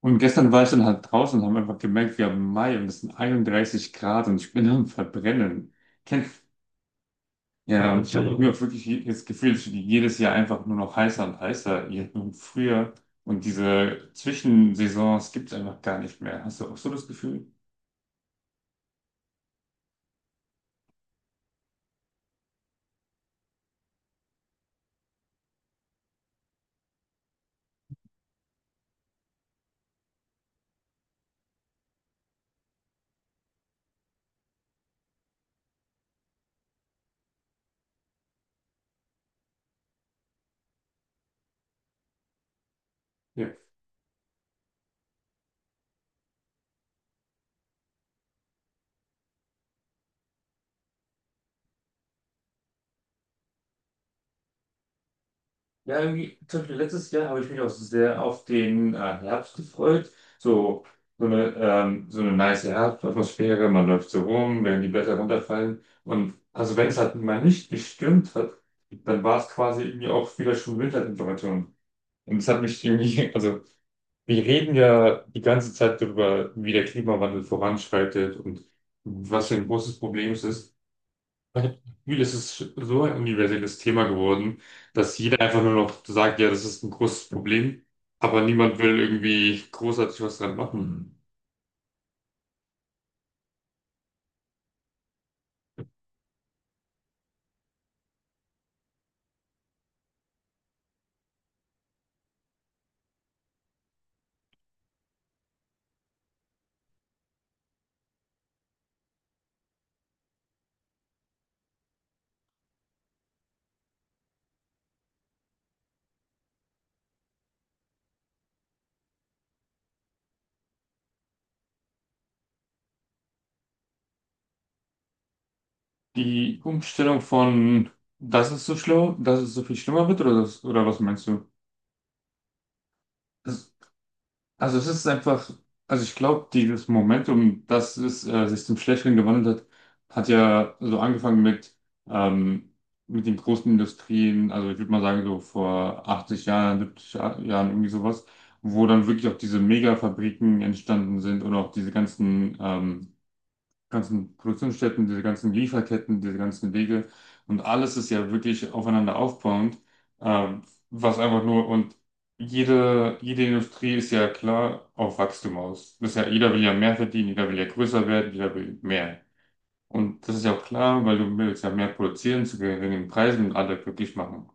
Und gestern war ich dann halt draußen und haben einfach gemerkt, wir haben Mai und es sind 31 Grad und ich bin am Verbrennen. Kennst, ja, und ich habe Wahnsinn. Irgendwie wirklich das Gefühl, es wird jedes Jahr einfach nur noch heißer und heißer. Und früher und diese Zwischensaisons gibt es einfach gar nicht mehr. Hast du auch so das Gefühl? Ja, irgendwie, zum Beispiel letztes Jahr habe ich mich auch sehr auf den Herbst gefreut. So, so eine nice Herbstatmosphäre, man läuft so rum, wenn die Blätter runterfallen. Und also wenn es halt mal nicht gestürmt hat, dann war es quasi irgendwie auch wieder schon Wintertemperaturen. Und es hat mich irgendwie, also wir reden ja die ganze Zeit darüber, wie der Klimawandel voranschreitet und was für ein großes Problem es ist. Ich habe das Gefühl, es ist so ein universelles Thema geworden, dass jeder einfach nur noch sagt, ja, das ist ein großes Problem, aber niemand will irgendwie großartig was dran machen. Die Umstellung von, das ist so schlimm, dass es so viel schlimmer wird, oder, das, oder was meinst du? Das also es ist einfach, also ich glaube, dieses Momentum, dass es sich zum Schlechteren gewandelt hat, hat ja so angefangen ähm, mit den großen Industrien, also ich würde mal sagen so vor 80 Jahren, 70 Jahren irgendwie sowas, wo dann wirklich auch diese Megafabriken entstanden sind und auch diese ganzen ganzen Produktionsstätten, diese ganzen Lieferketten, diese ganzen Wege und alles ist ja wirklich aufeinander aufbauend, ähm, was einfach nur und jede Industrie ist ja klar auf Wachstum aus. Das ist ja, jeder will ja mehr verdienen, jeder will ja größer werden, jeder will mehr. Und das ist ja auch klar, weil du willst ja mehr produzieren zu geringen Preisen und alle glücklich machen.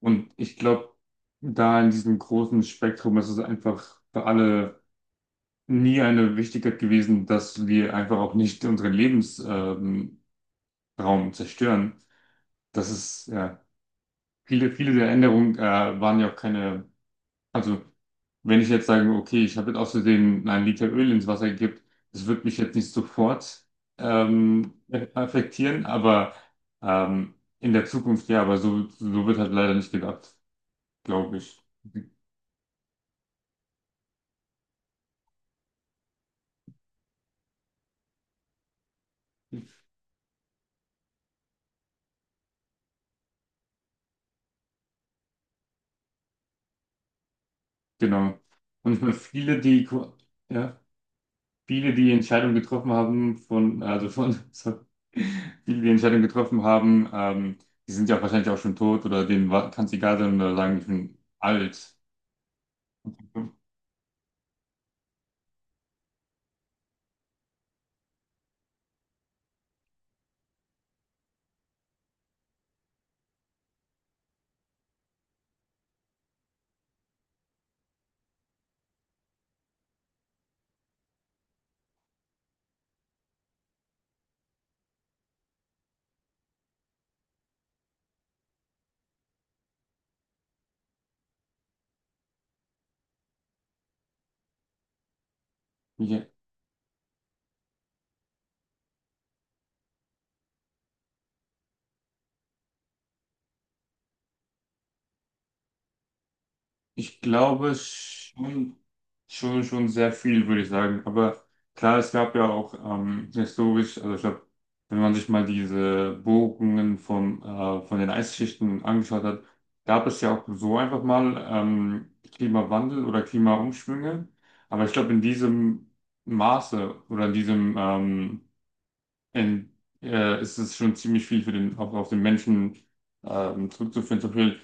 Und ich glaube, da in diesem großen Spektrum ist es einfach für alle nie eine Wichtigkeit gewesen, dass wir einfach auch nicht unseren Lebensraum Raum zerstören. Das ist, ja, viele, viele der Änderungen waren ja auch keine, also wenn ich jetzt sage, okay, ich habe jetzt aus Versehen einen Liter Öl ins Wasser gekippt, das wird mich jetzt nicht sofort ähm, affektieren, aber ähm, in der Zukunft ja, aber so, so wird halt leider nicht gedacht, glaube ich. Genau. Und ich meine, viele, die, ja. Viele, die Entscheidungen getroffen haben von, also von, sorry, viele, die Entscheidungen getroffen haben, die sind ja wahrscheinlich auch schon tot oder denen kann es egal sein oder sagen, ich bin alt. Ich glaube schon, schon sehr viel, würde ich sagen. Aber klar, es gab ja auch historisch, also ich glaube, wenn man sich mal diese Bohrungen vom, von den Eisschichten angeschaut hat, gab es ja auch so einfach mal Klimawandel oder Klimaumschwünge. Aber ich glaube, in diesem Maße oder in diesem in, ist es schon ziemlich viel für den, auch auf den Menschen zurückzuführen. Zum Beispiel,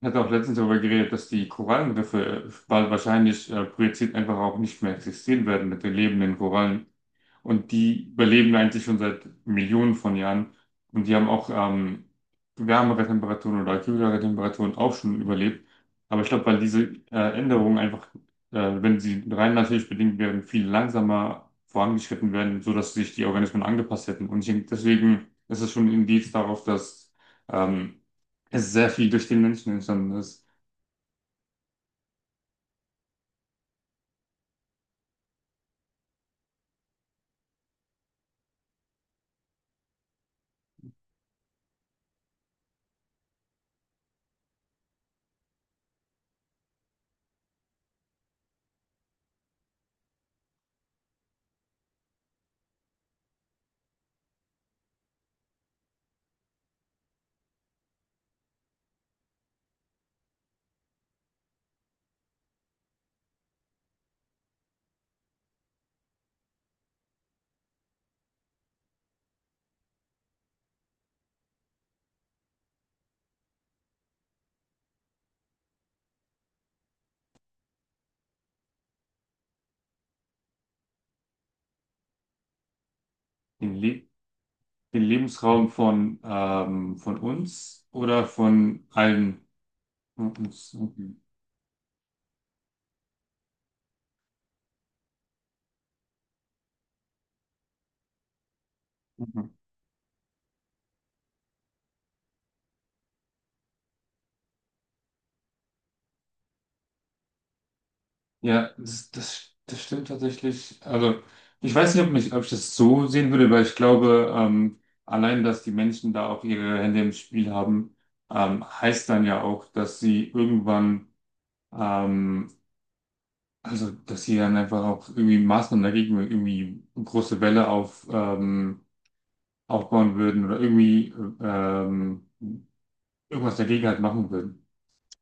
ich hatte auch letztens darüber geredet, dass die Korallenriffe bald wahrscheinlich projiziert einfach auch nicht mehr existieren werden mit den lebenden Korallen. Und die überleben eigentlich schon seit Millionen von Jahren. Und die haben auch wärmere Temperaturen oder kühlere Temperaturen auch schon überlebt. Aber ich glaube, weil diese Änderungen einfach, wenn sie rein natürlich bedingt wären, viel langsamer vorangeschritten werden, sodass sich die Organismen angepasst hätten. Und ich denke, deswegen ist es schon ein Indiz darauf, dass ähm, es sehr viel durch den Menschen entstanden ist. Den, Le Den Lebensraum von uns oder von allen. Mhm. Ja, das stimmt tatsächlich. Also, ich weiß nicht, ob, mich, ob ich das so sehen würde, weil ich glaube, allein, dass die Menschen da auch ihre Hände im Spiel haben, heißt dann ja auch, dass sie irgendwann, ähm, also, dass sie dann einfach auch irgendwie Maßnahmen dagegen, irgendwie eine große Welle auf, aufbauen würden oder irgendwie ähm, irgendwas dagegen halt machen würden.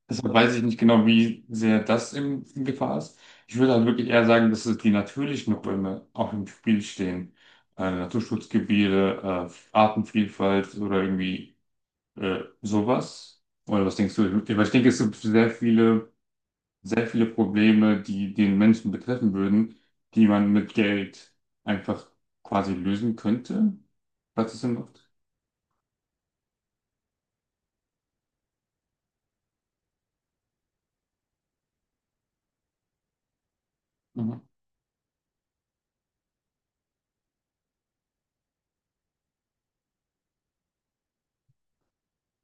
Deshalb weiß ich nicht genau, wie sehr das in Gefahr ist. Ich würde halt wirklich eher sagen, dass es die natürlichen Räume auch im Spiel stehen. Naturschutzgebiete, Artenvielfalt oder irgendwie sowas. Oder was denkst du? Weil ich denke, es gibt sehr viele Probleme, die den Menschen betreffen würden, die man mit Geld einfach quasi lösen könnte, falls es Sinn macht.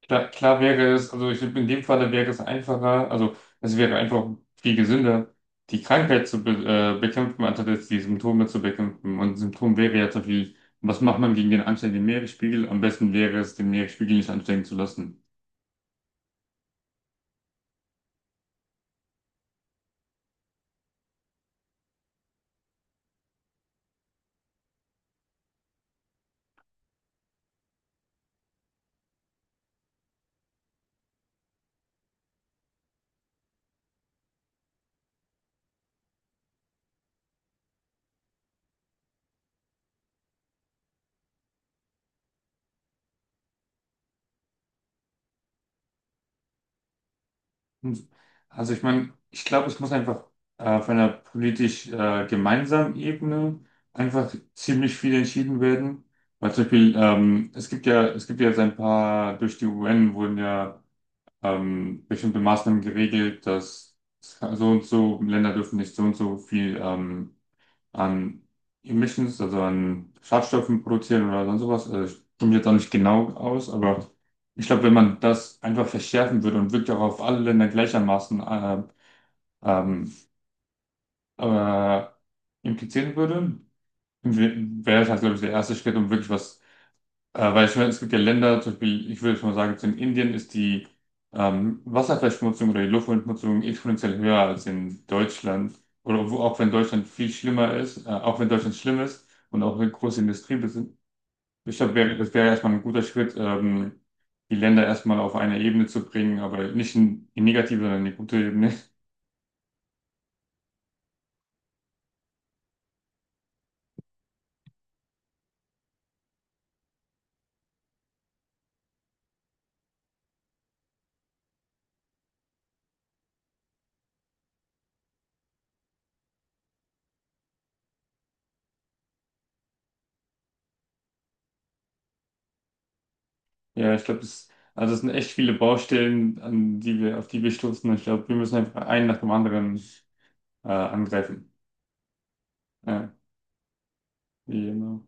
Klar, klar wäre es, also ich, in dem Falle wäre es einfacher, also es wäre einfach viel gesünder, die Krankheit zu be bekämpfen, anstatt jetzt die Symptome zu bekämpfen. Und Symptom wäre ja so viel, was macht man gegen den ansteigenden Meeresspiegel? Am besten wäre es, den Meeresspiegel nicht ansteigen zu lassen. Hm. Also ich meine, ich glaube, es muss einfach auf einer politisch gemeinsamen Ebene einfach ziemlich viel entschieden werden. Weil zum Beispiel, es gibt ja jetzt ein paar, durch die UN wurden ja bestimmte Maßnahmen geregelt, dass so und so Länder dürfen nicht so und so viel an Emissions, also an Schadstoffen produzieren oder sonst sowas. Also ich komme mich jetzt auch nicht genau aus, aber ich glaube, wenn man das einfach verschärfen würde und wirklich auch auf alle Länder gleichermaßen ähm, äh, implizieren würde, wäre es halt, glaube ich, der erste Schritt, um wirklich was weil ich meine, es gibt ja Länder, zum Beispiel, ich würde jetzt mal sagen, jetzt in Indien ist die Wasserverschmutzung oder die Luftverschmutzung exponentiell höher als in Deutschland. Oder wo, auch wenn Deutschland viel schlimmer ist, auch wenn Deutschland schlimm ist und auch eine große Industrie besitzt. Ich glaube, das wäre erstmal ein guter Schritt, die Länder erstmal auf eine Ebene zu bringen, aber nicht in die negative, sondern in die gute Ebene. Ja, ich glaube, das, also es sind echt viele Baustellen, an die wir, auf die wir stoßen. Ich glaube, wir müssen einfach einen nach dem anderen angreifen. Ja, genau.